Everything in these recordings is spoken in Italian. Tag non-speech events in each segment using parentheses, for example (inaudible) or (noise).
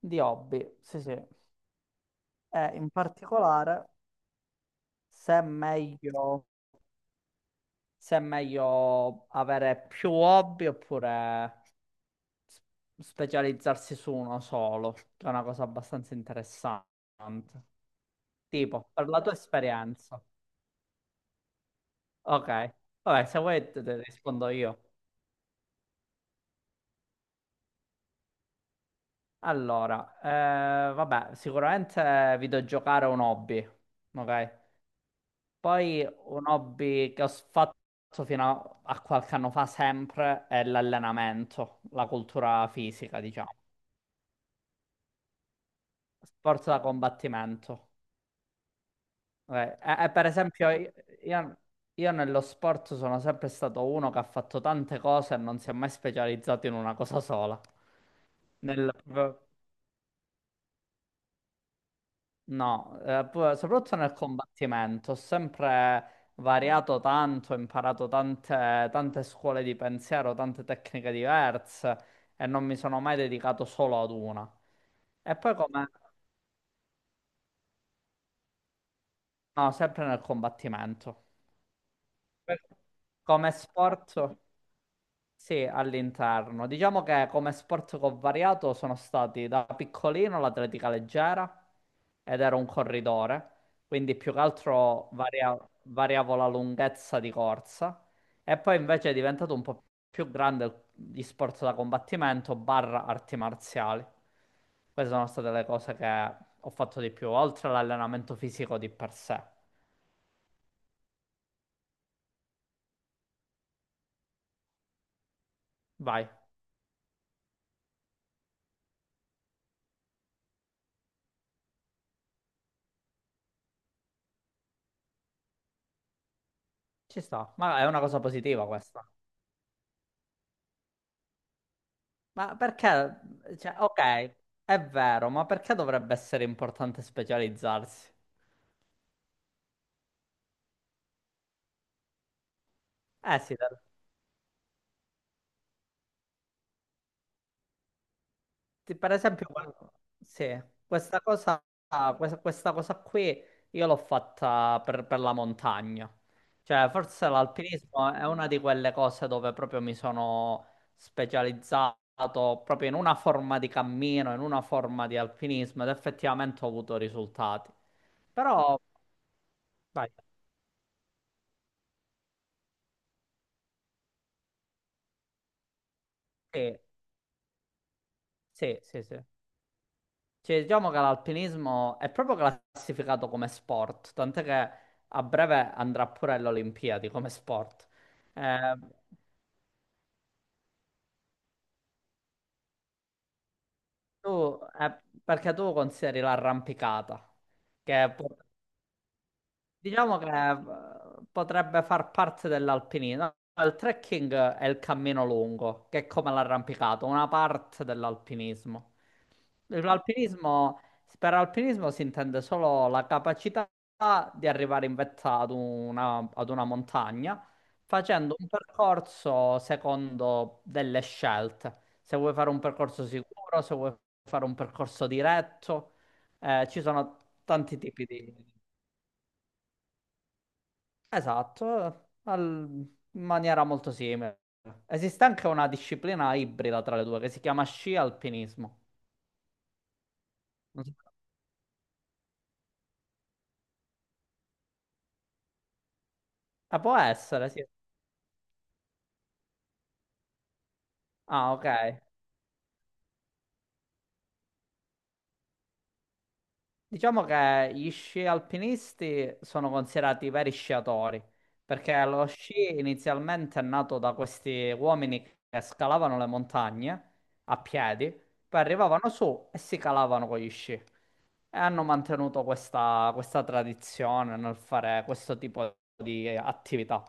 Di hobby, sì, sì. E in particolare se è meglio, se è meglio avere più hobby oppure s- specializzarsi su uno solo, che è una cosa abbastanza interessante. Tipo, per la tua esperienza. Ok, vabbè, se vuoi te, te rispondo io. Allora, vabbè, sicuramente videogiocare è un hobby, ok? Poi un hobby che ho fatto fino a qualche anno fa sempre è l'allenamento, la cultura fisica, diciamo, sport da combattimento. E per esempio io- io nello sport sono sempre stato uno che ha fatto tante cose e non si è mai specializzato in una cosa sola. Nel- No, soprattutto nel combattimento, ho sempre variato tanto, ho imparato tante scuole di pensiero, tante tecniche diverse e non mi sono mai dedicato solo ad una. E poi come... No, sempre nel combattimento. Per- Come sport? Sì, all'interno. Diciamo che come sport che ho variato sono stati da piccolino l'atletica leggera ed ero un corridore, quindi più che altro variavo la lunghezza di corsa e poi invece è diventato un po' più grande gli sport da combattimento barra arti marziali. Queste sono state le cose che ho fatto di più, oltre all'allenamento fisico di per sé. Vai, ci sta, ma è una cosa positiva questa. Ma perché? Cioè, ok, è vero, ma perché dovrebbe essere importante specializzarsi? Eh sì, per esempio, sì, questa cosa, questa cosa qui io l'ho fatta per la montagna. Cioè, forse l'alpinismo è una di quelle cose dove proprio mi sono specializzato proprio in una forma di cammino, in una forma di alpinismo ed effettivamente ho avuto risultati. Però, vai, sì, sì, sì, sì. Cioè, diciamo che l'alpinismo è proprio classificato come sport, tant'è che a breve andrà pure alle Olimpiadi come sport. Eh, perché tu consideri l'arrampicata, che può- diciamo che potrebbe far parte dell'alpinismo. Il trekking è il cammino lungo, che è come l'arrampicato, una parte dell'alpinismo. L'alpinismo, per alpinismo si intende solo la capacità di arrivare in vetta ad ad una montagna facendo un percorso secondo delle scelte. Se vuoi fare un percorso sicuro, se vuoi fare un percorso diretto, ci sono tanti tipi di... Esatto, in maniera molto simile. Esiste anche una disciplina ibrida tra le due che si chiama sci alpinismo. Non so- può essere, sì. Ah, ok. Diciamo che gli sci alpinisti sono considerati veri sciatori, perché lo sci inizialmente è nato da questi uomini che scalavano le montagne a piedi, poi arrivavano su e si calavano con gli sci. E hanno mantenuto questa tradizione nel fare questo tipo di attività.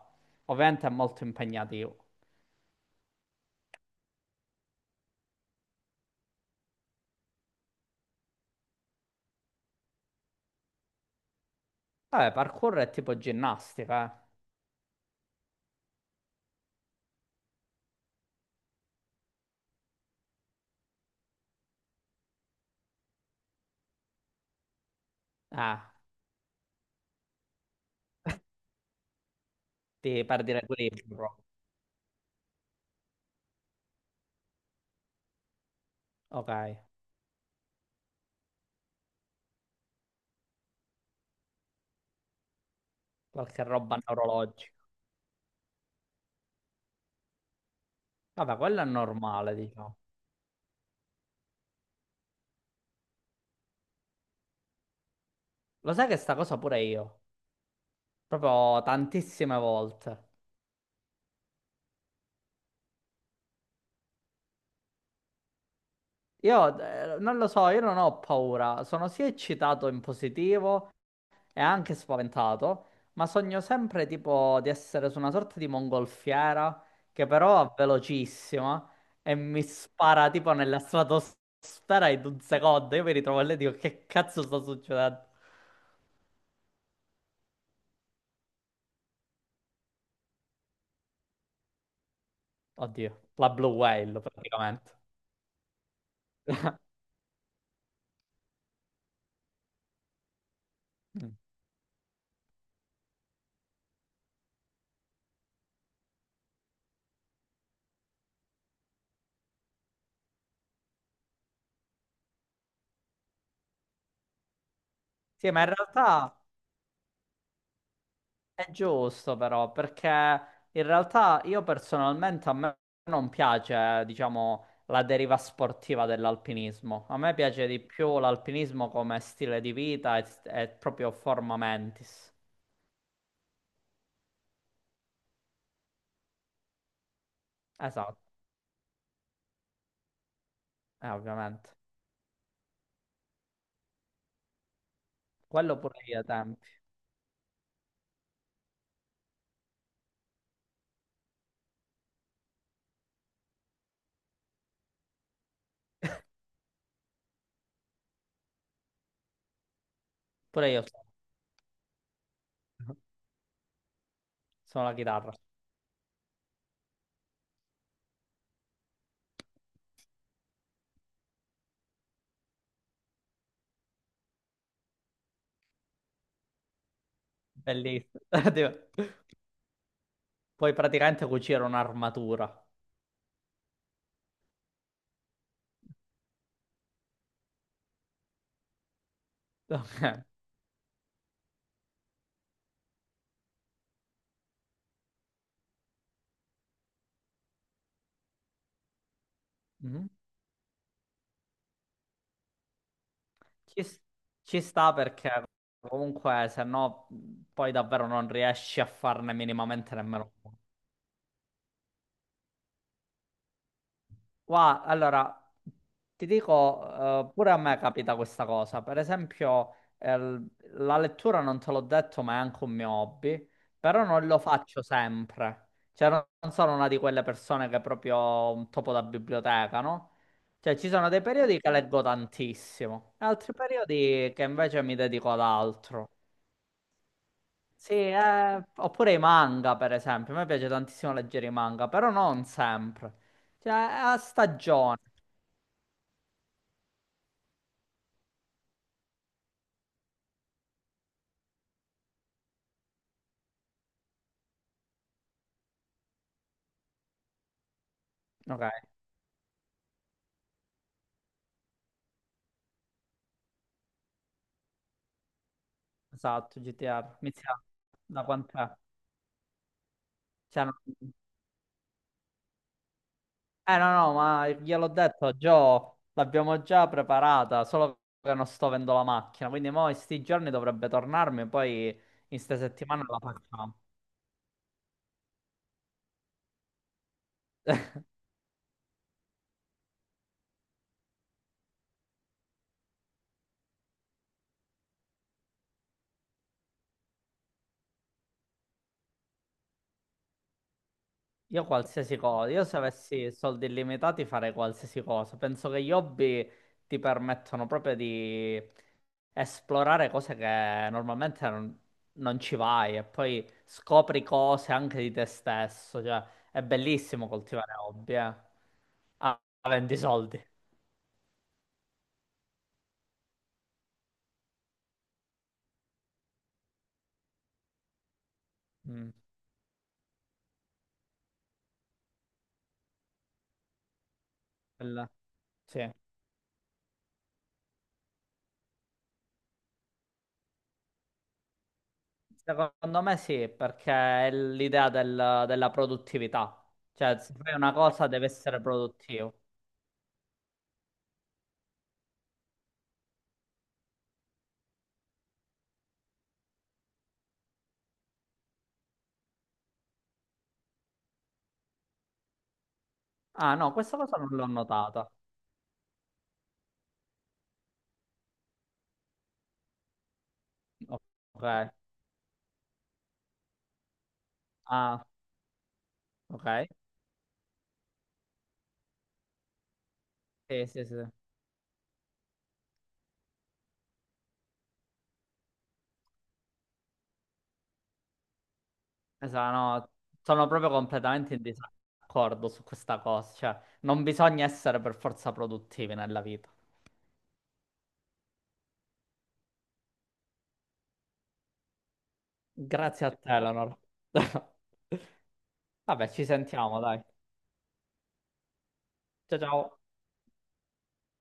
Ovviamente è molto impegnativo. Vabbè, parkour è tipo ginnastica, eh. Di perdere equilibrio. Ok, qualche roba neurologica. Vabbè, quello è normale, diciamo. Lo sai che sta cosa pure io? Proprio tantissime volte. Io non lo so, io non ho paura. Sono sia eccitato in positivo è anche spaventato, ma sogno sempre tipo di essere su una sorta di mongolfiera che però è velocissima e mi spara tipo nella stratosfera in un secondo. Io mi ritrovo lì e dico che cazzo sta succedendo? Oddio, la Blue Whale praticamente. Mm. Sì, ma in realtà è giusto però, perché in realtà io personalmente a me non piace, diciamo, la deriva sportiva dell'alpinismo. A me piace di più l'alpinismo come stile di vita e proprio forma mentis. Esatto, ovviamente. Quello pure io ai tempi. Pure io sono, sono la chitarra. Bellissimo. (laughs) Tipo, puoi praticamente cucire un'armatura. (laughs) Ok. Mhm. Ci, s- ci sta perché comunque se no poi davvero non riesci a farne minimamente nemmeno uno. Guarda, allora ti dico, pure a me capita questa cosa. Per esempio, la lettura non te l'ho detto, ma è anche un mio hobby, però non lo faccio sempre. Cioè, non sono una di quelle persone che proprio un topo da biblioteca, no? Cioè, ci sono dei periodi che leggo tantissimo, e altri periodi che invece mi dedico ad altro. Sì, oppure i manga, per esempio. A me piace tantissimo leggere i manga, però non sempre. Cioè, è a stagione. Ok, esatto, GTR. Inizia da quant'è? Cioè, non- no, no, ma gliel'ho detto, Gio, l'abbiamo già preparata, solo che non sto avendo la macchina. Quindi mo in sti giorni dovrebbe tornarmi, poi in ste settimane la facciamo. Io qualsiasi cosa, io se avessi soldi illimitati farei qualsiasi cosa. Penso che gli hobby ti permettono proprio di esplorare cose che normalmente non ci vai e poi scopri cose anche di te stesso. Cioè, è bellissimo coltivare hobby, eh. Ah, avendo i soldi. Mm, quella- sì. Secondo me sì, perché è l'idea del- della produttività. Cioè, se fai una cosa deve essere produttivo. Ah, no, questa cosa non l'ho notata. Ok. Ah, ok. Sì, sì, sì. Esatto, no, sono proprio completamente in disaccordo su questa cosa. Cioè, non bisogna essere per forza produttivi nella vita. Grazie a te, Eleanor. (laughs) Vabbè, ci sentiamo, dai. Ciao, ciao.